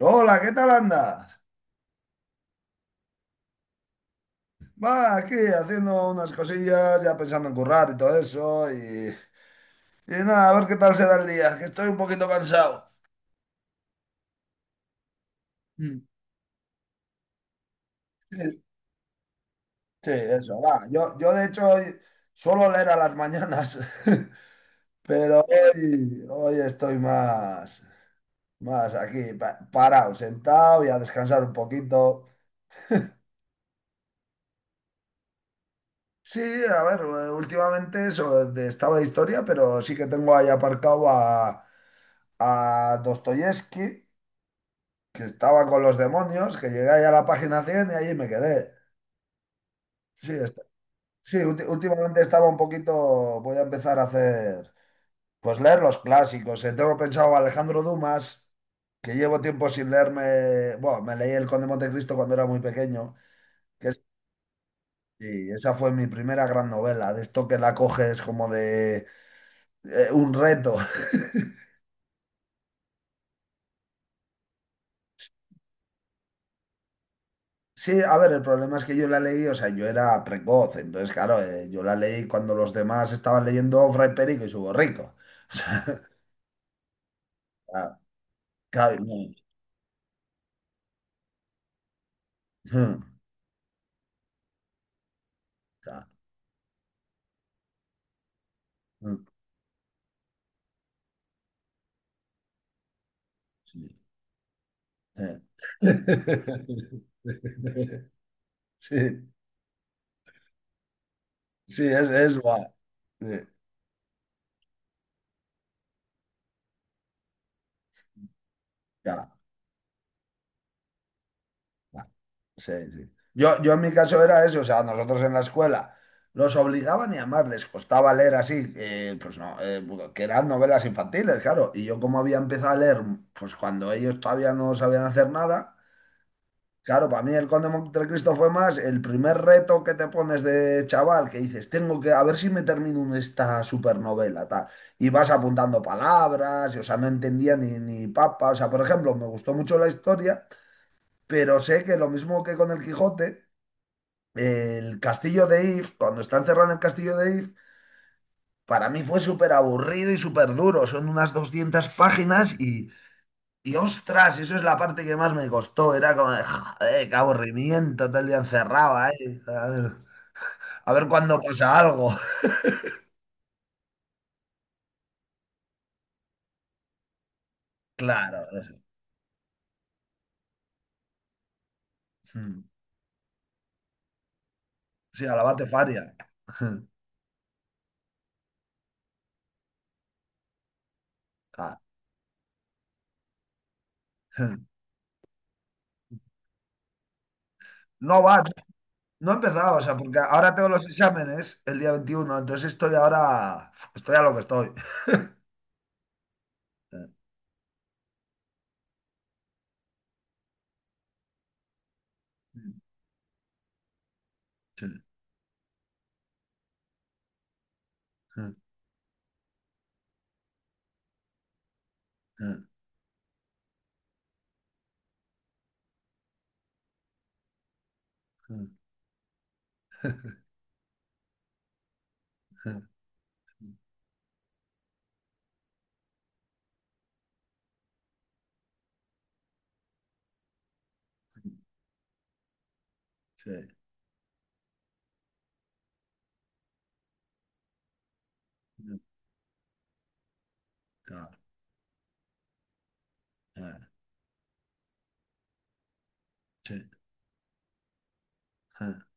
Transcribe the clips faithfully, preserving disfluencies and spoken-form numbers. Hola, ¿qué tal andas? Va, aquí haciendo unas cosillas, ya pensando en currar y todo eso, y, y nada, a ver qué tal se da el día, que estoy un poquito cansado. Mm. Sí, sí, eso, va. Yo, yo de hecho hoy suelo leer a las mañanas, pero hoy, hoy estoy más, más aquí, pa- parado, sentado y a descansar un poquito. Sí, a ver, eh, últimamente eso de- estaba de historia, pero sí que tengo ahí aparcado a, a Dostoyevsky, que estaba con los demonios, que llegué ahí a la página cien y allí me quedé. Sí, est- sí, ulti- últimamente estaba un poquito, voy a empezar a hacer, pues leer los clásicos. Eh, Tengo pensado Alejandro Dumas, que llevo tiempo sin leerme. Bueno, me leí El Conde de Montecristo cuando era muy pequeño, que es- y esa fue mi primera gran novela, de esto que la coges como de eh, un reto. Sí, a ver, el problema es que yo la leí, o sea, yo era precoz, entonces, claro, eh, yo la leí cuando los demás estaban leyendo Fray Perico y su borrico. O sea, claro, claro, y no, mm, claro, mm, sí, eh. Sí, sí, es, es guay. Sí, claro. Bueno, sí, sí. Yo, yo en mi caso era eso, o sea, nosotros en la escuela los obligaban y además les costaba leer así, eh, pues no, eh, que eran novelas infantiles, claro, y yo, como había empezado a leer, pues cuando ellos todavía no sabían hacer nada, claro, para mí El Conde de Montecristo fue más el primer reto que te pones de chaval, que dices, tengo que, a ver si me termino un- esta supernovela, tal, y vas apuntando palabras, y, o sea, no entendía ni, ni papa. O sea, por ejemplo, me gustó mucho la historia, pero sé que, lo mismo que con el Quijote, el castillo de If, cuando está encerrado en el castillo de If, para mí fue súper aburrido y súper duro. Son unas doscientas páginas y, y ostras, eso es la parte que más me costó. Era como, de, joder, qué aburrimiento, todo el día encerrado ahí. A ver, a ver cuándo pasa algo. Claro. Sí, a la Batefaria. Ah, no va, no he empezado, o sea, porque ahora tengo los exámenes el día veintiuno, entonces estoy ahora, estoy a lo que estoy. 对，嗯嗯嗯嗯嗯，sí, mm, ah, ah, sí, ah.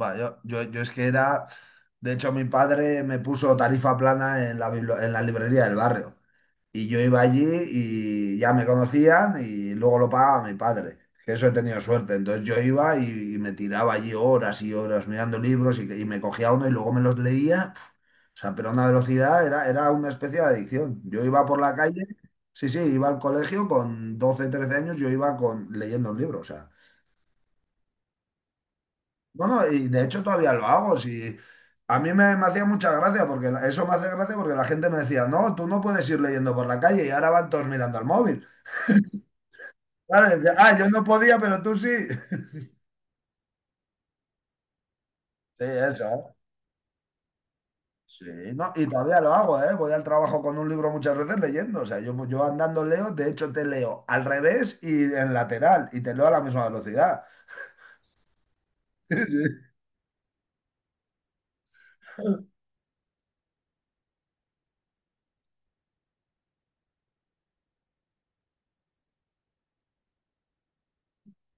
Va, yo, yo, yo es que era, de hecho mi padre me puso tarifa plana en la, bibli- en la librería del barrio. Y yo iba allí y ya me conocían y luego lo pagaba mi padre, que eso he tenido suerte. Entonces yo iba y, y me tiraba allí horas y horas mirando libros y, que- y me cogía uno y luego me los leía. Pf, o sea, pero a una velocidad, era, era, una especie de adicción. Yo iba por la calle, sí, sí, iba al colegio con doce trece años, yo iba con, leyendo un libro. O sea, bueno, y de hecho todavía lo hago. Si, a mí me, me hacía mucha gracia, porque la- eso me hace gracia porque la gente me decía, no, tú no puedes ir leyendo por la calle, y ahora van todos mirando al móvil. Claro, dice, ah, yo no podía, pero tú sí. Sí, eso, ¿eh? Sí, no, y todavía lo hago, ¿eh? Voy al trabajo con un libro muchas veces leyendo. O sea, yo, yo andando leo, de hecho te leo al revés y en lateral, y te leo a la misma velocidad. Sí, sí.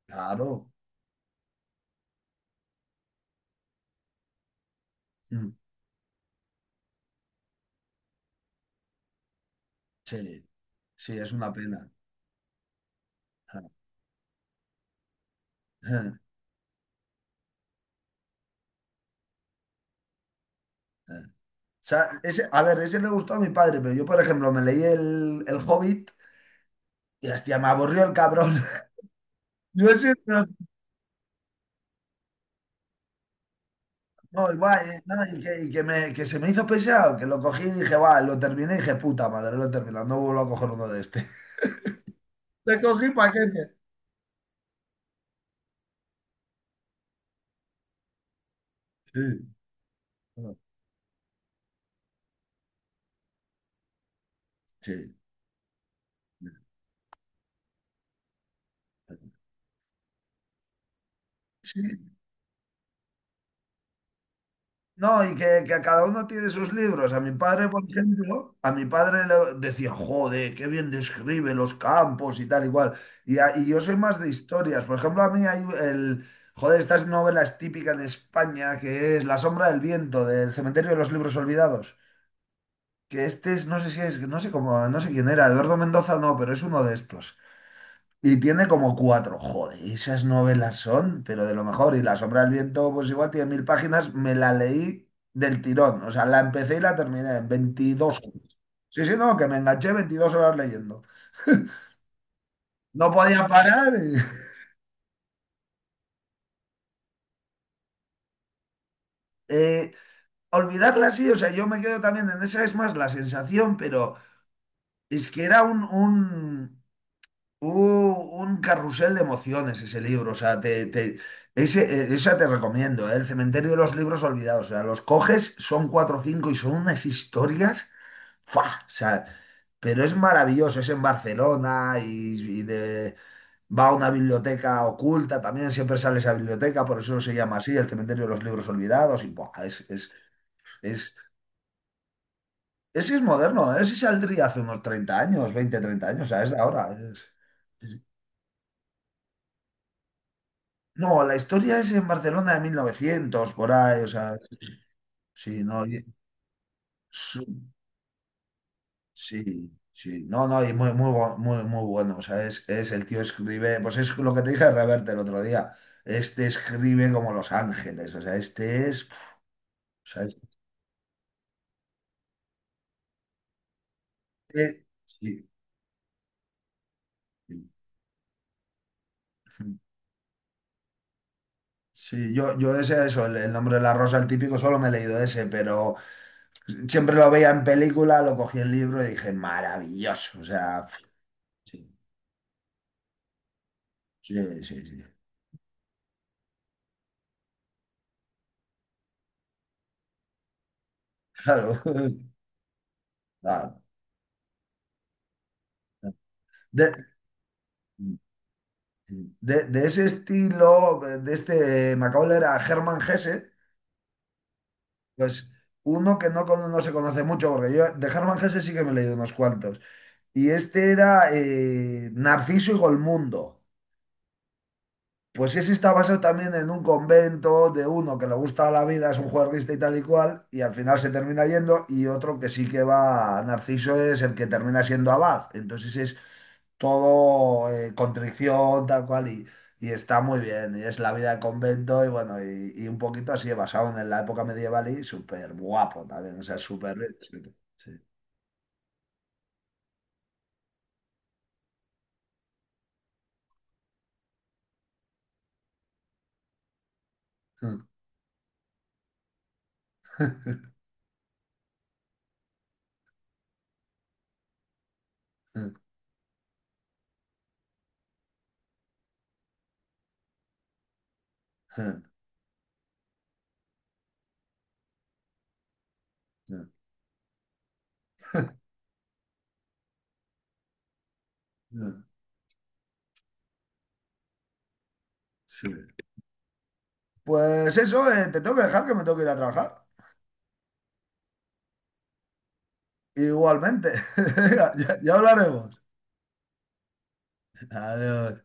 Claro. Mm, sí, sí, es una pena. Ajá. O sea, ese, a ver, ese le gustó a mi padre, pero yo, por ejemplo, me leí el, el Hobbit, y hostia, me aburrió el cabrón. Yo sí. No, igual, eh, no, y que, y que me- que se me hizo pesado, que lo cogí y dije, va, lo terminé y dije, puta madre, lo he terminado, no vuelvo a coger uno de este. Te cogí paquete. Sí, no, sí. Sí. No, y que, que a cada uno tiene sus libros. A mi padre, por ejemplo, a mi padre le decía, joder, qué bien describe los campos y tal y cual. Y, a- y yo soy más de historias. Por ejemplo, a mí hay el, joder, estas novelas típicas de España, que es La sombra del viento, del Cementerio de los Libros Olvidados, que este es, no sé si es, no sé cómo, no sé quién era, Eduardo Mendoza no, pero es uno de estos. Y tiene como cuatro, joder, esas novelas son, pero de lo mejor. Y La sombra del viento, pues igual tiene mil páginas, me la leí del tirón. O sea, la empecé y la terminé en veintidós horas. Sí, sí, no, que me enganché veintidós horas leyendo. No podía parar. y- Eh, olvidarla sí, o sea, yo me quedo también en esa, es más la sensación, pero es que era un, un- Uh, un carrusel de emociones ese libro. O sea, te, te- ese, eh, esa te recomiendo, ¿eh? El Cementerio de los Libros Olvidados. O sea, los coges, son cuatro o cinco y son unas historias, ¡fua! O sea, pero es maravilloso, es en Barcelona y, y de, va a una biblioteca oculta, también siempre sale esa biblioteca, por eso se llama así, el Cementerio de los Libros Olvidados, y ¡buah! Es, es, es, ese es moderno, ¿eh? Ese saldría hace unos treinta años, veinte treinta años, o sea, es de ahora. es- No, la historia es en Barcelona de mil novecientos por ahí, o sea, sí, sí, no, y- su- sí, sí, no, no, y muy, muy, bu- muy, muy bueno, o sea, es, es el tío escribe, pues es lo que te dije de Reverte el otro día, este escribe como Los Ángeles, o sea, este es, pf, o sea, este, sí, sí. Sí, yo, yo ese, eso, el, el Nombre de la Rosa, el típico, solo me he leído ese, pero siempre lo veía en película, lo cogí el libro y dije, maravilloso, o sea, pf, sí, sí, sí, sí, claro. Claro. De, de- de ese estilo, de este Macaulay era Hermann Hesse, pues uno que no, cono- no se conoce mucho, porque yo de Hermann Hesse sí que me he leído unos cuantos. Y este era eh, Narciso y Golmundo. Pues ese está basado también en un convento, de uno que le gusta la vida, es un juerguista y tal y cual, y al final se termina yendo, y otro que sí que va, Narciso es el que termina siendo abad. Entonces es todo eh, contrición, tal cual, y, y está muy bien, y es la vida de convento, y bueno, y, y un poquito así basado en la época medieval, y súper guapo también, o sea, súper bien. Sí. Sí. Pues eso, eh, te tengo que dejar, que me tengo que ir a trabajar. Igualmente. Venga, ya ya hablaremos. Adiós.